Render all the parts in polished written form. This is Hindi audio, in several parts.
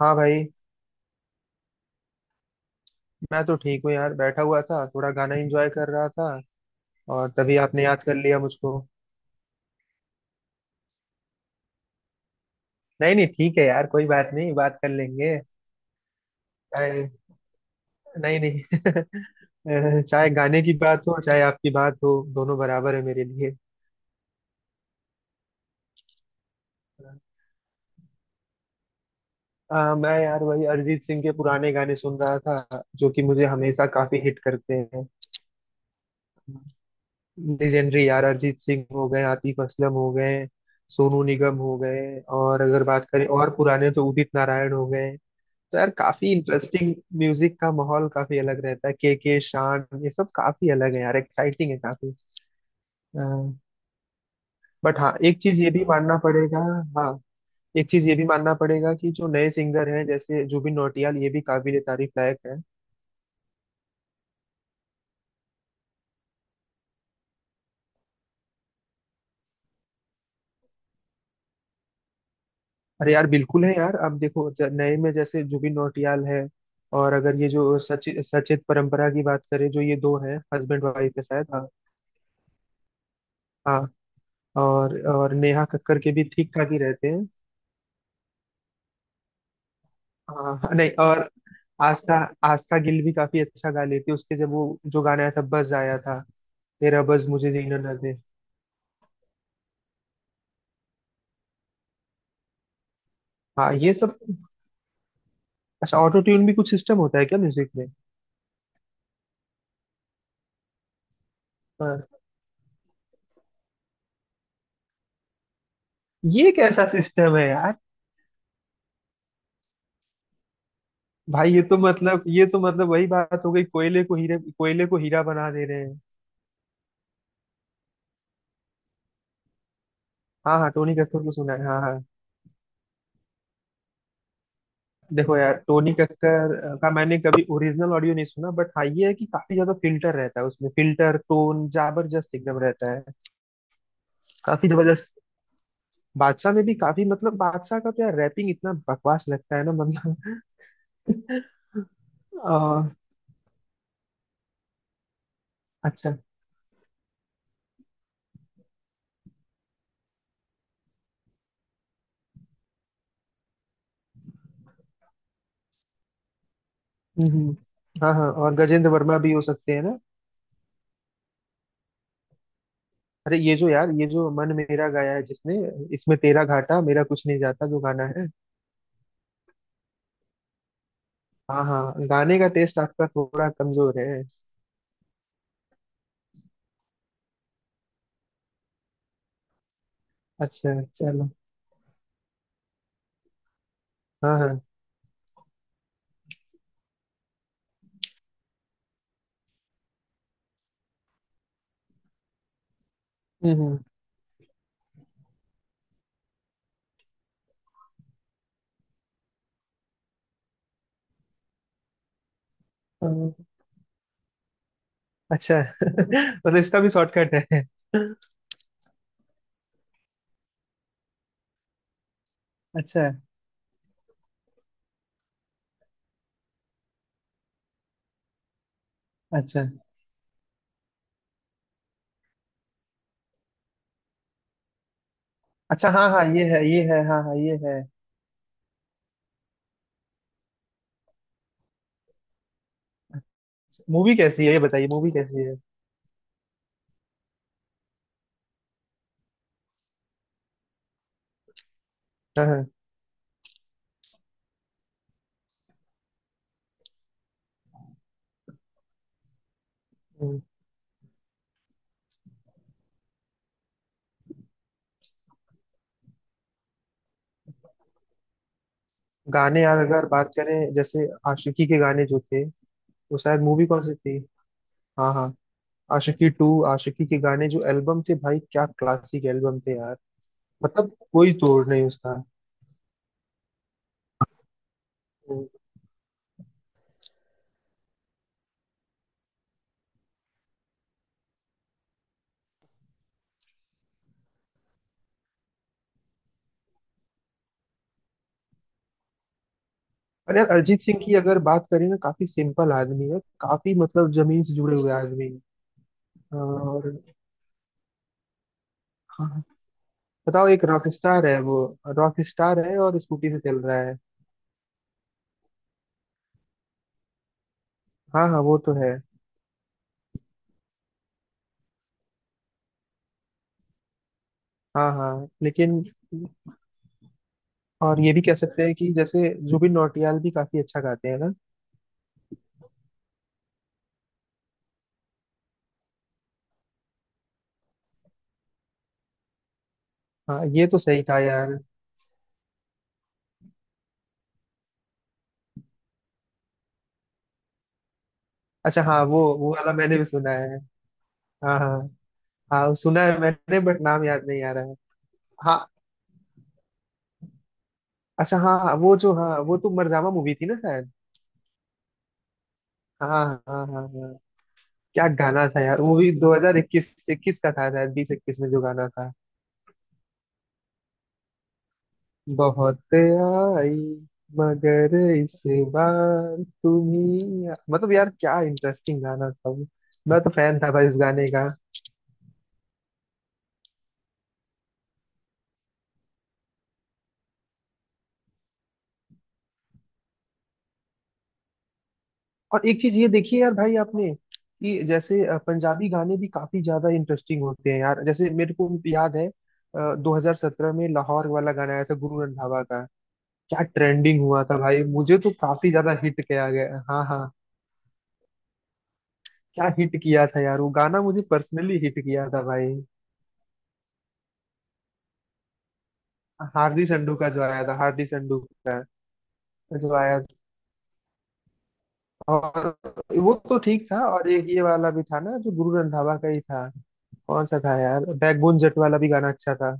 हाँ भाई। मैं तो ठीक हूँ यार, बैठा हुआ था, थोड़ा गाना एंजॉय कर रहा था। और तभी आपने याद कर लिया मुझको। नहीं नहीं, ठीक है यार, कोई बात नहीं, बात कर लेंगे। चाहे नहीं नहीं। चाहे गाने की बात हो, चाहे आपकी बात हो, दोनों बराबर है मेरे लिए। मैं यार वही अरिजीत सिंह के पुराने गाने सुन रहा था, जो कि मुझे हमेशा काफी हिट करते हैं। लेजेंडरी यार। अरिजीत सिंह हो गए, आतिफ असलम हो गए, सोनू निगम हो गए। और अगर बात करें और पुराने तो उदित नारायण हो गए। तो यार काफी इंटरेस्टिंग म्यूजिक का माहौल, काफी अलग रहता है। के, शान, ये सब काफी अलग है यार, एक्साइटिंग है काफी। बट हाँ, एक चीज ये भी मानना पड़ेगा। हाँ, एक चीज ये भी मानना पड़ेगा कि जो नए सिंगर हैं जैसे जुबिन नौटियाल, ये भी काबिल तारीफ लायक है। अरे यार बिल्कुल है यार। अब देखो, नए में जैसे जुबिन नौटियाल है। और अगर ये जो सचित सचेत परंपरा की बात करें, जो ये दो हैं, हस्बैंड वाइफ है शायद। हाँ। हाँ, और नेहा कक्कर के भी ठीक ठाक ही रहते हैं। हाँ। नहीं, और आस्था आस्था गिल भी काफी अच्छा गा लेती है। उसके जब वो जो गाना आया था, बज आया था। तेरा बज मुझे जीना ना दे। हाँ, ये सब। अच्छा, ऑटो ट्यून भी कुछ सिस्टम होता है क्या म्यूजिक में? हाँ। ये कैसा सिस्टम है यार। भाई ये तो मतलब, ये तो मतलब वही बात हो गई, कोयले को हीरा बना दे रहे हैं। हाँ हाँ, टोनी कक्कर को सुना है, हाँ हाँ। देखो यार, टोनी कक्कर का मैंने कभी ओरिजिनल ऑडियो नहीं सुना, बट हाँ ये है कि काफी ज्यादा फिल्टर रहता है उसमें, फिल्टर टोन जबरदस्त एकदम रहता है। काफी जबरदस्त। बादशाह में भी काफी मतलब, बादशाह का तो यार रैपिंग इतना बकवास लगता है ना, मतलब। आ, अच्छा। हम्म, हम्म। हाँ हाँ, और गजेंद्र वर्मा भी हो सकते हैं ना। अरे, ये जो मन मेरा गाया है जिसने, इसमें तेरा घाटा मेरा कुछ नहीं जाता जो गाना है। हाँ हाँ, गाने का टेस्ट आपका थोड़ा कमजोर है। अच्छा चलो। हाँ हाँ। हम्म, हम्म, अ, अच्छा। मतलब इसका भी शॉर्टकट है। अच्छा। अच्छा। अच्छा हाँ हाँ, ये है, ये है, हाँ हाँ, ये है। मूवी कैसी है, ये बताइए, मूवी कैसी है। हाँ हाँ। हम्म। गाने यार अगर बात करें, जैसे आशिकी के गाने जो थे, वो शायद मूवी कौन सी थी? हाँ हाँ। आशिकी टू। आशिकी के गाने जो एल्बम थे भाई, क्या क्लासिक एल्बम थे यार, मतलब कोई तोड़ नहीं उसका। हम्म। और यार अरिजीत सिंह की अगर बात करें ना, काफी सिंपल आदमी है, काफी मतलब जमीन से जुड़े हुए आदमी है। और, हाँ हाँ। बताओ, एक रॉक स्टार है वो, रॉक स्टार है और स्कूटी से चल रहा है। हाँ हाँ, वो तो है। हाँ हाँ, लेकिन। और ये भी कह सकते हैं कि जैसे जुबिन नौटियाल भी काफी अच्छा गाते हैं ना। हाँ, ये तो सही कहा यार। अच्छा हाँ, वो वाला मैंने भी सुना है। हाँ हाँ। हाँ सुना है मैंने, बट नाम याद नहीं आ रहा है। हाँ। अच्छा हाँ हाँ, वो जो, हाँ, वो तो मरजावा मूवी थी ना शायद। हाँ हाँ हाँ हाँ हाँ। क्या गाना था यार, वो भी 2021 21 का था शायद, 20 21 में जो गाना था। बहुत आई। मगर इस बार तुम ही, मतलब यार, क्या इंटरेस्टिंग गाना था वो। मैं तो फैन था भाई उस गाने। और एक चीज ये देखिए यार भाई आपने, कि जैसे पंजाबी गाने भी काफी ज्यादा इंटरेस्टिंग होते हैं यार। जैसे मेरे को याद है, 2017 में लाहौर वाला गाना आया था गुरु रंधावा का। क्या ट्रेंडिंग हुआ था भाई, मुझे तो काफी ज्यादा हिट किया गया। हाँ हाँ। क्या हिट किया था यार वो गाना, मुझे पर्सनली हिट किया था भाई। हार्दी संडू का जो आया था, हार्दी संडू का जो आया था। और वो तो ठीक था। और एक ये वाला भी था ना, जो गुरु रंधावा का ही था। कौन सा था यार, बैकबोन जट वाला भी गाना अच्छा था।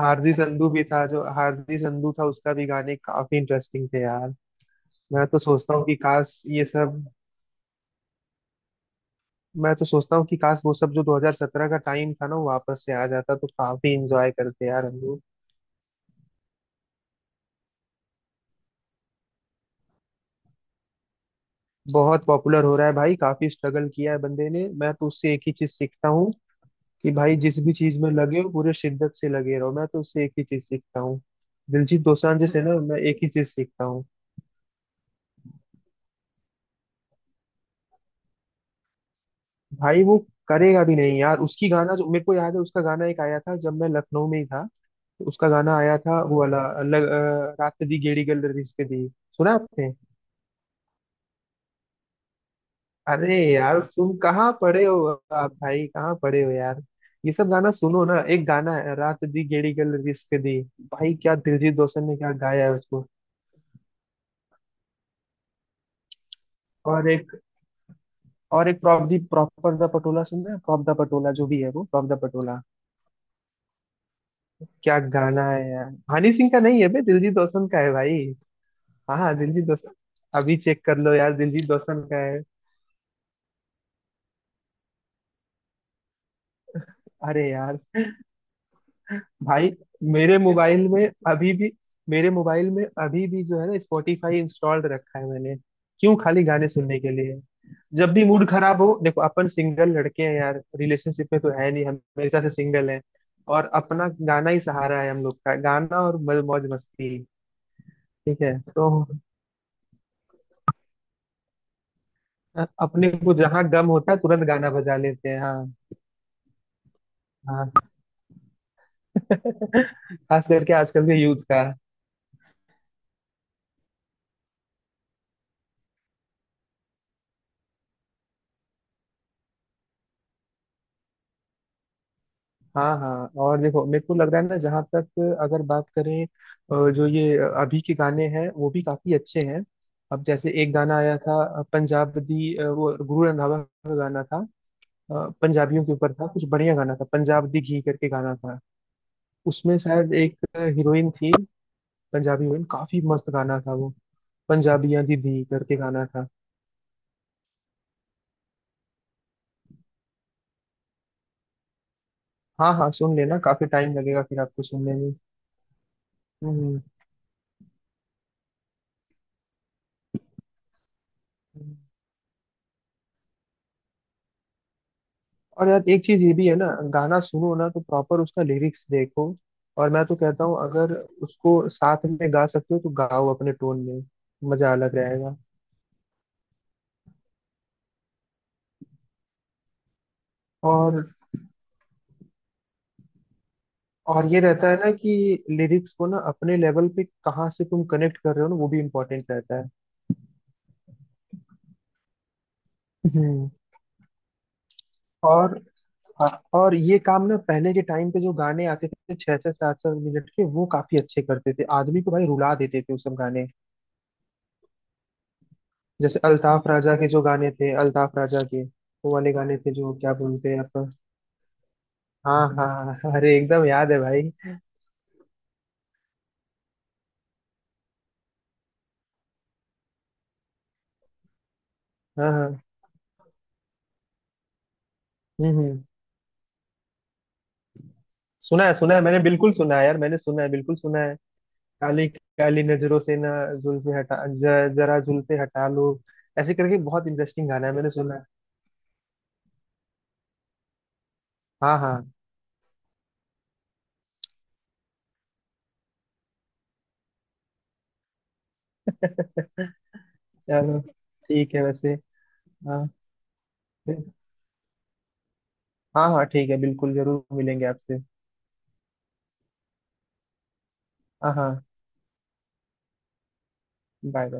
हार्दी संधू भी था, जो हार्दी संधू था उसका भी गाने काफी इंटरेस्टिंग थे यार। मैं तो सोचता हूँ कि काश ये सब। मैं तो सोचता हूँ कि काश वो सब जो 2017 का टाइम था ना, वो वापस से आ जाता, तो काफी इंजॉय करते यार हम लोग। बहुत पॉपुलर हो रहा है भाई, काफी स्ट्रगल किया है बंदे ने। मैं तो उससे एक ही चीज सीखता हूँ, कि भाई जिस भी चीज में लगे हो, पूरे शिद्दत से लगे रहो। मैं तो उससे एक ही चीज सीखता हूँ, दिलजीत दोसांझ से ना, मैं एक ही चीज सीखता हूँ। भाई वो करेगा भी नहीं यार, उसकी गाना जो मेरे को याद है, उसका गाना एक आया था जब मैं लखनऊ में ही था। उसका गाना आया था, वो वाला रात दी गेड़ी गल रिश्ते दी। सुना आपने? अरे यार सुन कहाँ पड़े हो आप भाई, कहाँ पड़े हो यार। ये सब गाना सुनो ना, एक गाना है, रात दी गेड़ी गल रिश्ते दी। भाई क्या दिलजीत दोसांझ ने क्या गाया है उसको। और एक, प्रॉपर दा पटोला सुनना है, प्रॉप दा पटोला, जो भी है वो, प्रॉप दा पटोला। क्या गाना है यार। हनी सिंह का नहीं है बे, दिलजीत दोसांझ का है भाई। हाँ हाँ, दिलजीत दोसांझ। अभी चेक कर लो यार, दिलजीत दोसांझ का है। अरे यार भाई, मेरे मोबाइल में अभी भी मेरे मोबाइल में अभी भी, जो है ना, स्पॉटिफाई इंस्टॉल्ड रखा है मैंने। क्यों? खाली गाने सुनने के लिए। जब भी मूड खराब हो, देखो, अपन सिंगल लड़के हैं यार, रिलेशनशिप में तो है नहीं, हम हमेशा से सिंगल हैं। और अपना गाना ही सहारा है हम लोग का, गाना और मौज मस्ती। ठीक है तो। अपने को जहाँ गम होता है तुरंत गाना बजा लेते हैं, हाँ। हाँ। खास करके आजकल के यूथ का। हाँ हाँ। और देखो, मेरे को लग रहा है ना, जहाँ तक अगर बात करें, जो ये अभी के गाने हैं वो भी काफी अच्छे हैं। अब जैसे एक गाना आया था, पंजाब दी, वो गुरु रंधावा का गाना था। पंजाबियों के ऊपर था कुछ, बढ़िया गाना था, पंजाब दी घी करके गाना था। उसमें शायद एक हीरोइन थी, पंजाबी हीरोइन। काफी मस्त गाना था वो, पंजाबियां दी दी करके गाना था। हाँ हाँ, सुन लेना, काफी टाइम लगेगा फिर आपको सुनने में। हम्म। और यार एक चीज ये भी है ना, गाना सुनो ना तो प्रॉपर उसका लिरिक्स देखो। और मैं तो कहता हूँ, अगर उसको साथ में गा सकते हो तो गाओ अपने टोन में, मजा अलग रहेगा। और और ये रहता है ना, कि लिरिक्स को ना अपने लेवल पे कहाँ से तुम कनेक्ट कर रहे हो ना, वो भी इम्पोर्टेंट रहता है। हम्म। और और ये काम ना, पहले के टाइम पे जो गाने आते थे छह छह सात सात मिनट के, वो काफी अच्छे करते थे, आदमी को भाई रुला देते थे वो सब गाने। जैसे अल्ताफ राजा के जो गाने थे, अल्ताफ राजा के वो वाले गाने थे, जो क्या बोलते हैं आप। हाँ हाँ हाँ, हाँ, अरे एकदम याद है भाई। हाँ हाँ। हम्म, हम्म। सुना है, सुना है मैंने, बिल्कुल सुना है यार, मैंने सुना है, बिल्कुल सुना है। काली काली नजरों से ना, जुल्फे हटा, जरा जुल्फे हटा लो, ऐसे करके, बहुत इंटरेस्टिंग गाना है, मैंने सुना है। हाँ हाँ। चलो ठीक है वैसे। हाँ। फिर- हाँ हाँ ठीक है, बिल्कुल जरूर मिलेंगे आपसे। हाँ हाँ, बाय।